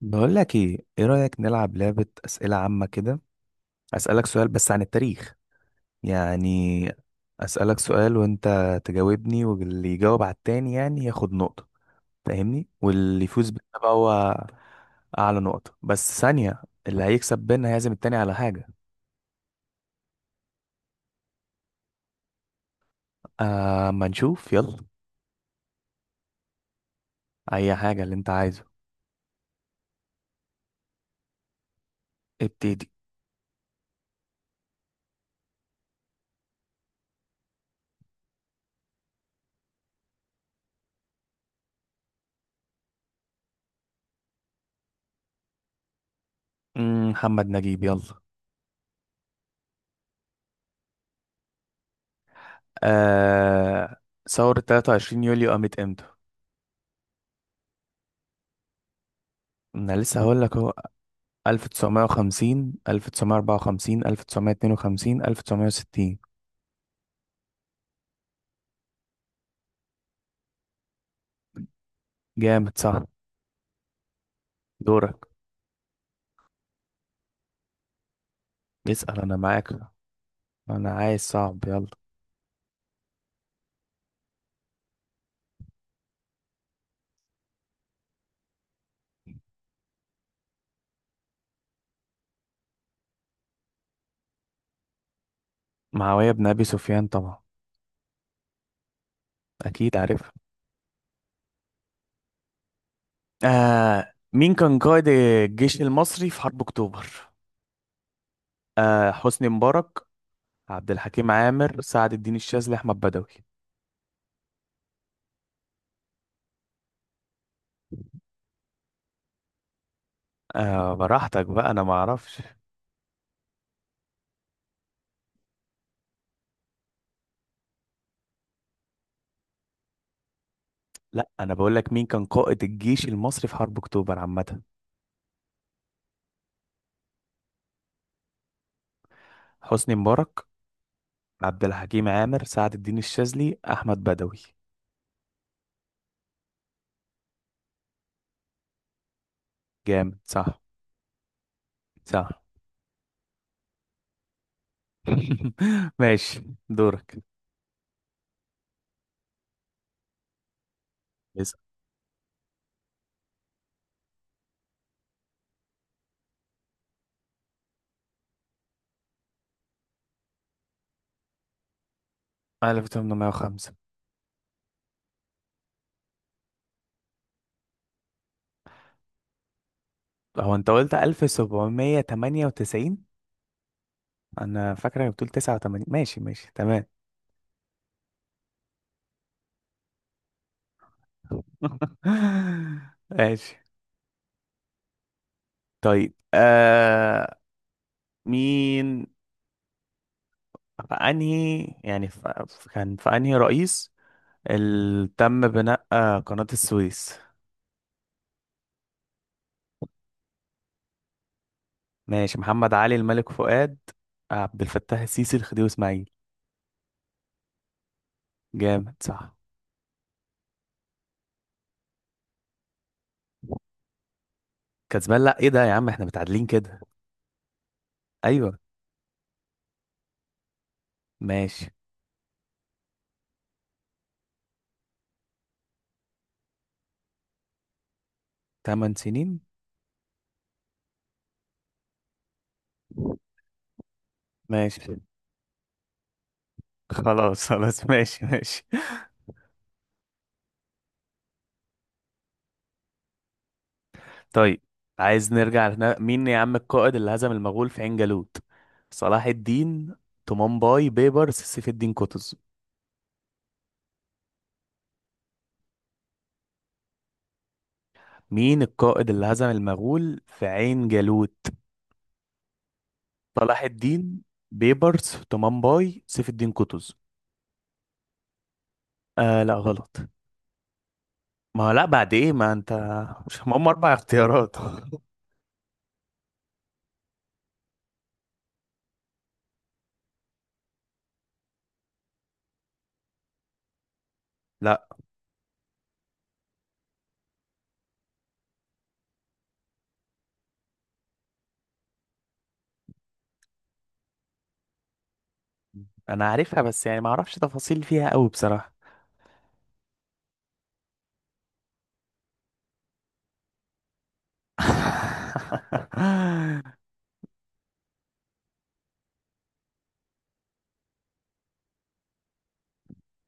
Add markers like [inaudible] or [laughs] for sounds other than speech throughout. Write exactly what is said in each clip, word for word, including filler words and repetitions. بقول لك ايه ايه رأيك نلعب لعبة أسئلة عامة كده؟ أسألك سؤال بس عن التاريخ، يعني أسألك سؤال وانت تجاوبني، واللي يجاوب على التاني يعني ياخد نقطة، فاهمني؟ واللي يفوز بينا بقى هو أعلى نقطة. بس ثانية، اللي هيكسب بينا هيعزم التاني على حاجة. أما نشوف، يلا. أي حاجة اللي انت عايزه. ابتدي. مم، محمد نجيب، يلا. آه... ثورة ثلاثة وعشرين يوليو قامت امتى؟ أنا لسه هقول لك. ألف تسعمائة وخمسين، ألف تسعمية وأربعة وخمسين، ألف تسعمية واتنين وخمسين، ألف تسعمية وستين. جامد، صح. دورك. اسأل، أنا معاك. أنا عايز صعب، يلا. معاوية بن أبي سفيان طبعا. أكيد عارفها. آه مين كان قائد الجيش المصري في حرب أكتوبر؟ آه حسني مبارك، عبد الحكيم عامر، سعد الدين الشاذلي، أحمد بدوي. آه براحتك بقى، أنا ما أعرفش. لا، أنا بقول لك مين كان قائد الجيش المصري في حرب أكتوبر عامة. حسني مبارك، عبد الحكيم عامر، سعد الدين الشاذلي، احمد بدوي. جامد، صح. صح. [laughs] ماشي. دورك. اسأل. ألف وتمنمية وخمسة. هو انت قلت ألف وسبعمية وتمنية وتسعين؟ انا فاكره انك بتقول تسعة وتمانين. ماشي ماشي، تمام. [laughs] ماشي. طيب. آه مين في انهي، يعني في كان في انهي رئيس اللي تم بناء آه، قناة السويس؟ ماشي. محمد علي، الملك فؤاد، عبد الفتاح السيسي، الخديوي اسماعيل. جامد، صح. كسبان؟ لا، ايه ده يا عم، احنا متعادلين كده. ايوه. ماشي. تمن سنين. ماشي، خلاص خلاص. [laughs] ماشي ماشي. طيب، عايز نرجع لهنا. مين يا عم القائد اللي هزم المغول في عين جالوت؟ صلاح الدين، طمان باي، بيبر، سيف الدين قطز. مين القائد اللي هزم المغول في عين جالوت؟ صلاح الدين، بيبرس، طمان باي، سيف الدين قطز. آه لا، غلط. ما هو لا، بعد ايه، ما انت. مش [laughs] هم اربع اختيارات. [laughs] لا. انا عارفها، بس يعني ما اعرفش تفاصيل فيها قوي بصراحة. [laughs]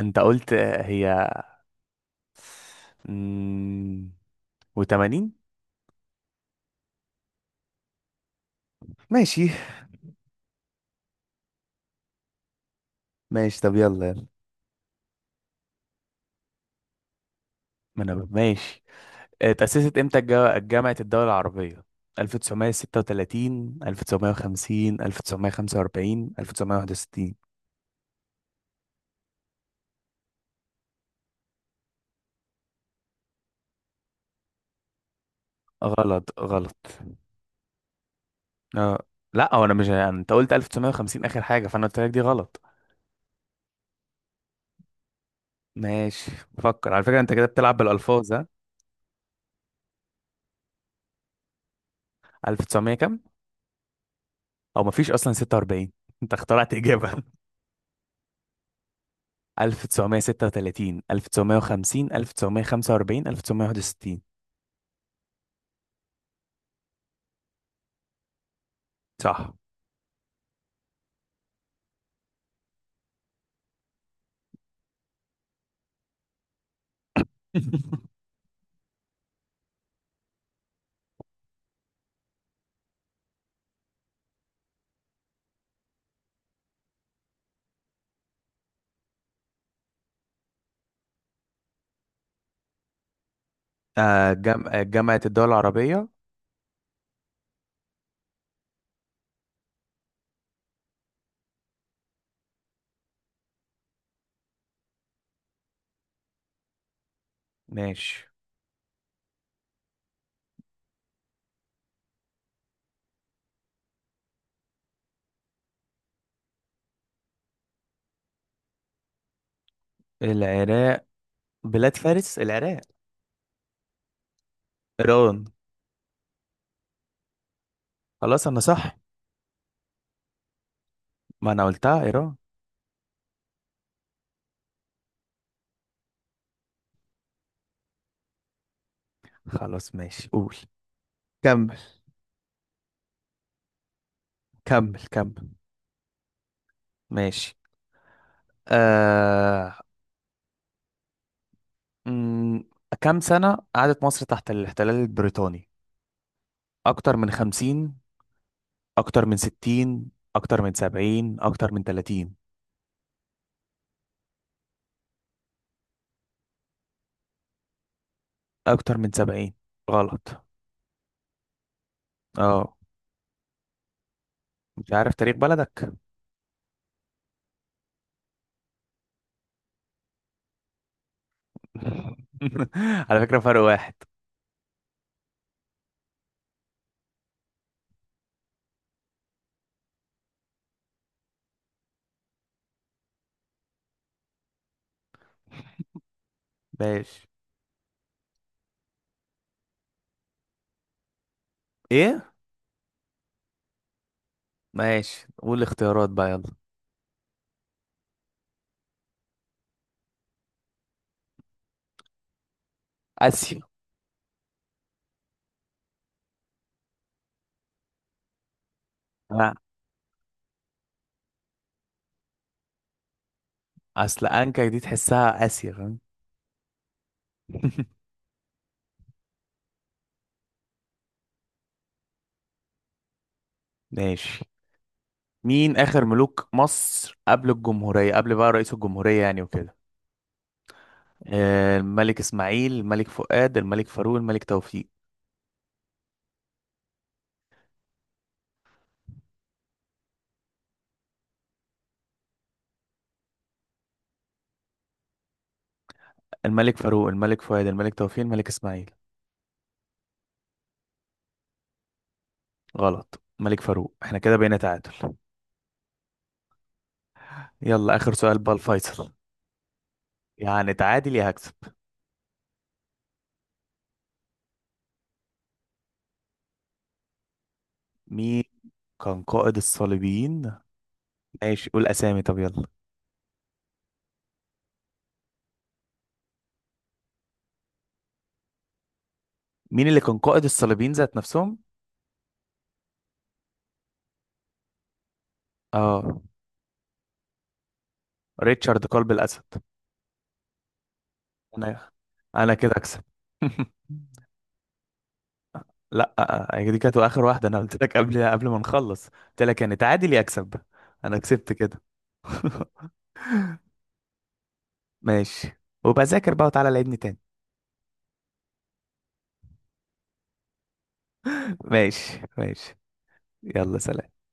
انت قلت هي و80. ماشي ماشي. طب يلا يلا. ما انا ماشي. اتأسست امتى الجا- جامعة الدول العربية؟ ألف تسعمائة وستة وثلاثين، ألف تسعمية وخمسين، ألف تسعمية وخمسة وأربعين، ألف تسعمية وواحد وستين. غلط غلط. اه. لا هو انا، مش انت قلت ألف تسعمية وخمسين اخر حاجه، فانا قلت لك دي غلط. ماشي، بفكر على فكره، انت كده بتلعب بالالفاظ، ها. ألف وتسعمية كام؟ او مفيش اصلا ستة وأربعين. [laughs] انت اخترعت اجابه. [laughs] ألف تسعمائة وستة وثلاثين، ألف تسعمية وخمسين، ألف تسعمية وخمسة وأربعين، ألف تسعمية وواحد وستين. صح. [laughs] آه جم... آه، جامعه الدول العربيه. ماشي. العراق. بلاد فارس، العراق. ايران. خلاص، انا صح. ما انا قلتها ايران. خلاص ماشي، قول. كمل. كمل كمل. ماشي. آه... مم، كام سنة قعدت مصر تحت الاحتلال البريطاني؟ أكتر من خمسين، أكتر من ستين، أكتر من سبعين، أكتر من تلاتين. أكتر من سبعين. غلط. اه. مش عارف تاريخ بلدك. [laughs] على فكرة، فرق واحد. ماشي. ايه. ماشي، قول الاختيارات بقى، يلا. اسيا. لا. اصل انكا دي تحسها اسيا، فاهم. [laughs] ماشي. مين اخر ملوك مصر قبل الجمهورية، قبل بقى رئيس الجمهورية يعني وكده؟ آه، الملك اسماعيل، الملك فؤاد، الملك فاروق، الملك توفيق. الملك فاروق، الملك فؤاد، الملك توفيق، الملك اسماعيل. غلط، الملك فاروق. احنا كده بقينا تعادل. يلا، اخر سؤال بقى، الفيصل. يعني تعادل يا هكسب. مين كان قائد الصليبيين؟ ماشي، قول اسامي طب، يلا. مين اللي كان قائد الصليبيين ذات نفسهم؟ اه. ريتشارد قلب الاسد. انا انا كده اكسب. [laughs] لا، آه، آه، دي كانت اخر واحده، انا قلت لك قبل قبل ما نخلص، قلت لك يعني تعادل يا اكسب. انا كسبت كده. [laughs] ماشي. وبذاكر بقى، وتعالى لعبني تاني. ماشي ماشي، يلا سلام.